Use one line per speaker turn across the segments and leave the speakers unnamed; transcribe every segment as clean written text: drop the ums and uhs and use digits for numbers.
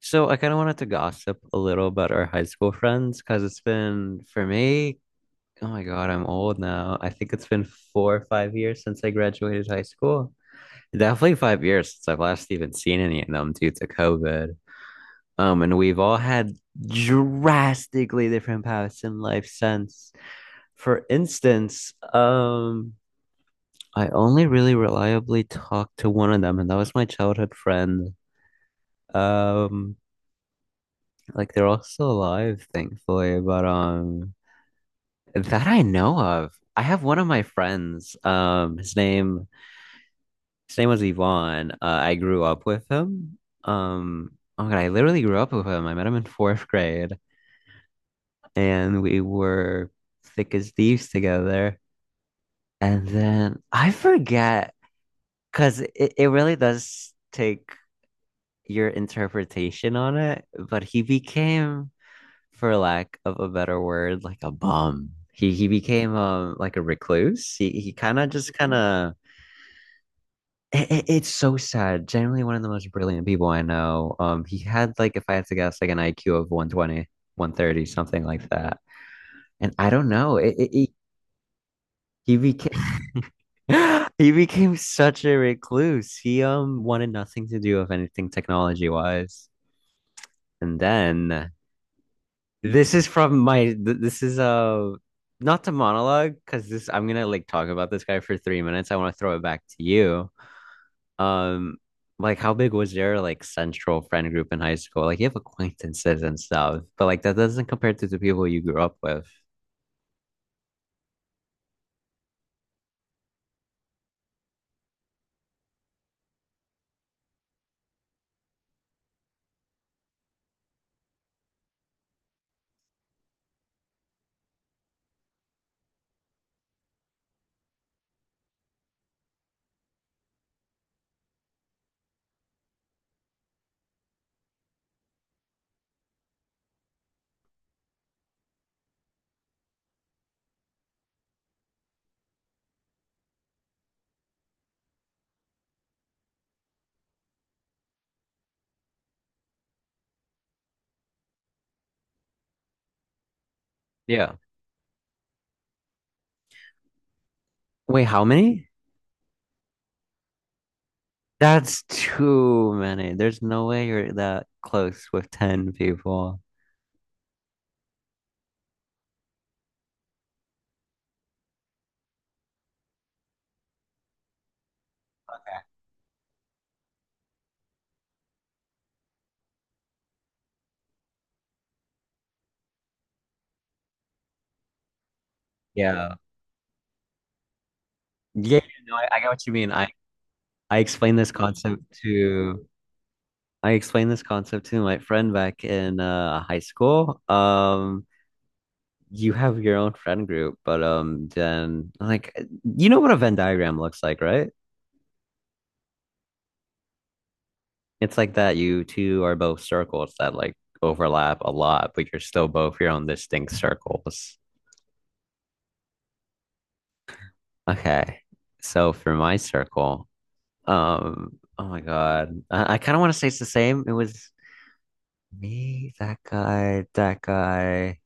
So I kind of wanted to gossip a little about our high school friends because it's been for me, oh my God, I'm old now. I think it's been 4 or 5 years since I graduated high school. Definitely 5 years since I've last even seen any of them due to COVID. And we've all had drastically different paths in life since. For instance, I only really reliably talked to one of them, and that was my childhood friend. Um, Like they're all still alive, thankfully. But, that I know of. I have one of my friends. His name was Yvonne. I grew up with him. Um oh my God, I literally grew up with him. I met him in fourth grade and we were thick as thieves together. And then I forget because it really does take your interpretation on it, but he became, for lack of a better word, like a bum. He became like a recluse. He kind of just kind of, it's so sad. Generally, one of the most brilliant people I know. He had, like, if I had to guess, like an IQ of 120, 130, something like that. And I don't know. It he became he became such a recluse. He wanted nothing to do with anything technology wise. And then This is from my th- this is not to monologue, because this I'm gonna like talk about this guy for 3 minutes. I want to throw it back to you. Um, like how big was your, like, central friend group in high school? Like you have acquaintances and stuff, but like that doesn't compare to the people you grew up with. Yeah. Wait, how many? That's too many. There's no way you're that close with 10 people. Okay. Yeah. Yeah, no, I get what you mean. I explained this concept to I explained this concept to my friend back in high school. You have your own friend group, but then, like, you know what a Venn diagram looks like, right? It's like that. You two are both circles that, like, overlap a lot, but you're still both your own distinct circles. Okay, so for my circle, oh my God, I kind of want to say it's the same. It was me, that guy, that guy.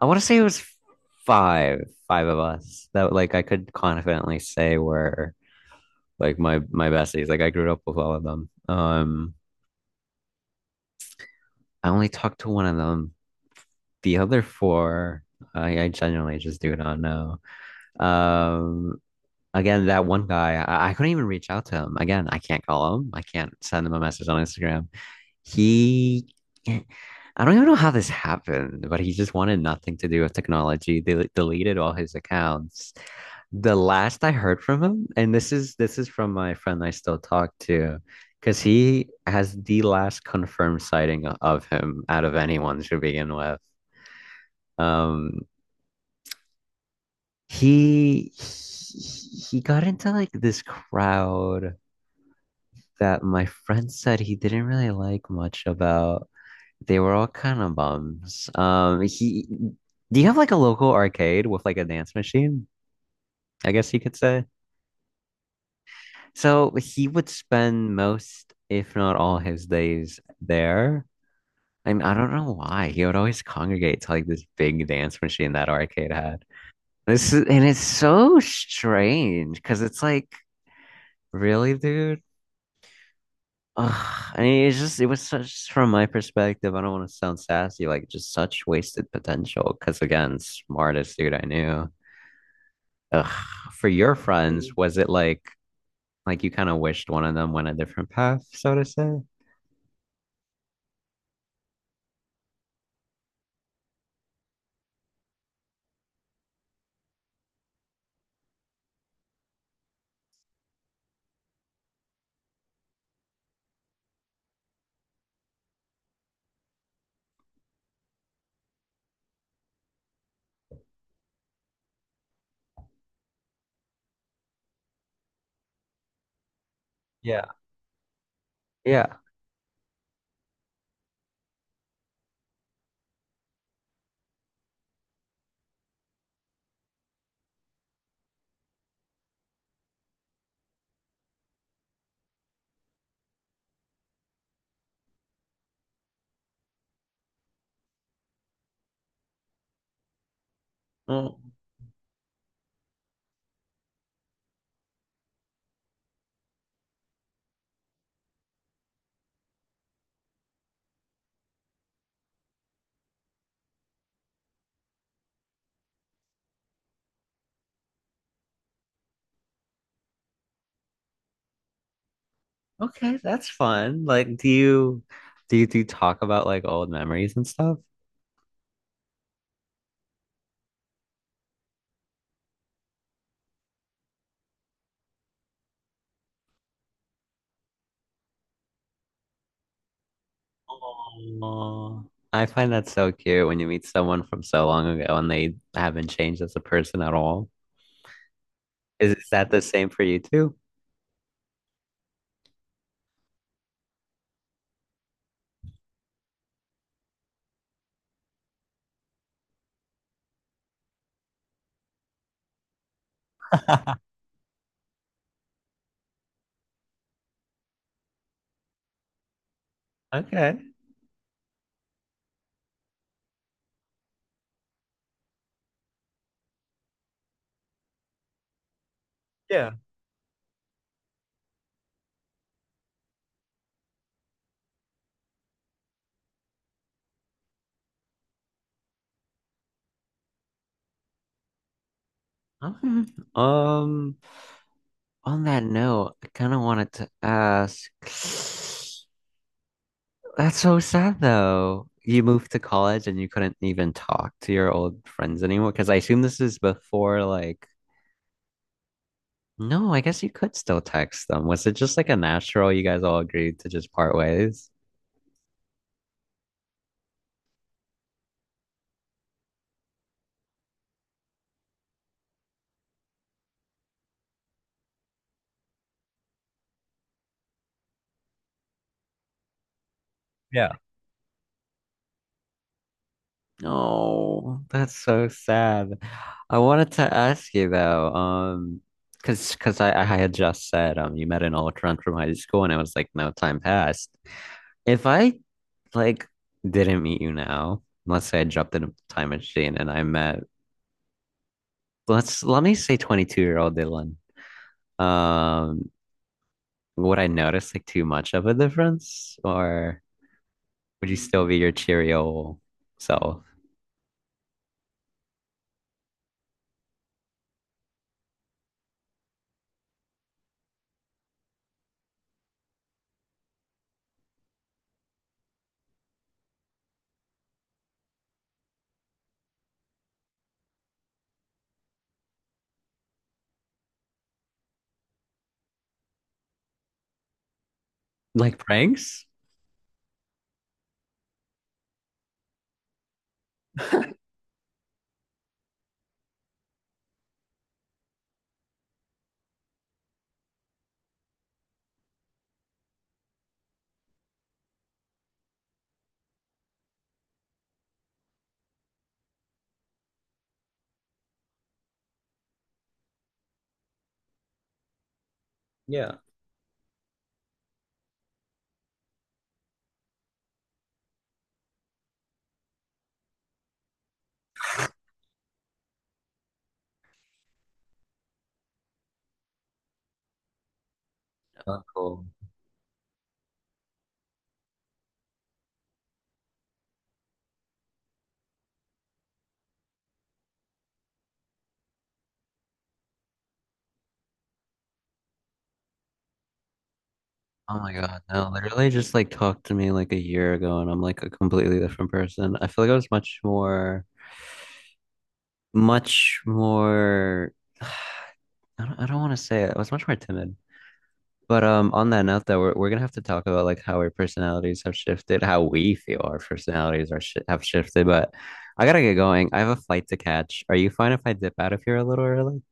I want to say it was five, five of us that, like, I could confidently say were like my besties. Like I grew up with all of them. I only talked to one of them. The other four, I genuinely just do not know. Um, Again, that one guy, I couldn't even reach out to him. Again, I can't call him. I can't send him a message on Instagram. He, I don't even know how this happened, but he just wanted nothing to do with technology. They, like, deleted all his accounts. The last I heard from him, and this is from my friend I still talk to, because he has the last confirmed sighting of him out of anyone to begin with. Um, he he got into like this crowd that my friend said he didn't really like much about. They were all kind of bums. Do you have like a local arcade with like a dance machine? I guess you could say. So he would spend most, if not all, his days there. I mean, I don't know why. He would always congregate to like this big dance machine that arcade had. And it's so strange because it's like, really, dude? Ugh. I mean, it's just, it was such, from my perspective, I don't want to sound sassy, like just such wasted potential. Because again, smartest dude I knew. Ugh, for your friends, was it like you kind of wished one of them went a different path, so to say? Yeah. Yeah. Mm. Okay, that's fun. Like, do you do you talk about like old memories and stuff? Oh, I find that so cute when you meet someone from so long ago and they haven't changed as a person at all. Is that the same for you too? Okay. Yeah. Okay. Um, On that note, I kind of wanted to ask. That's so sad, though. You moved to college and you couldn't even talk to your old friends anymore. Because I assume this is before like, no, I guess you could still text them. Was it just like a natural, you guys all agreed to just part ways? Yeah. No, that's so sad. I wanted to ask you though, because I had just said you met an old friend from high school and I was like no time passed. If I, like, didn't meet you now, let's say I jumped in a time machine and I met, let me say 22-year-old Dylan. Um, would I notice like too much of a difference, or would you still be your cheery old self? Like pranks? Yeah. Oh, cool. Oh my God, no, literally just like talked to me like a year ago and I'm like a completely different person. I feel like I was much more, much more, I don't want to say it. I was much more timid. But on that note though, we're gonna have to talk about like how our personalities have shifted, how we feel our personalities are shi have shifted. But I gotta get going. I have a flight to catch. Are you fine if I dip out of here a little early?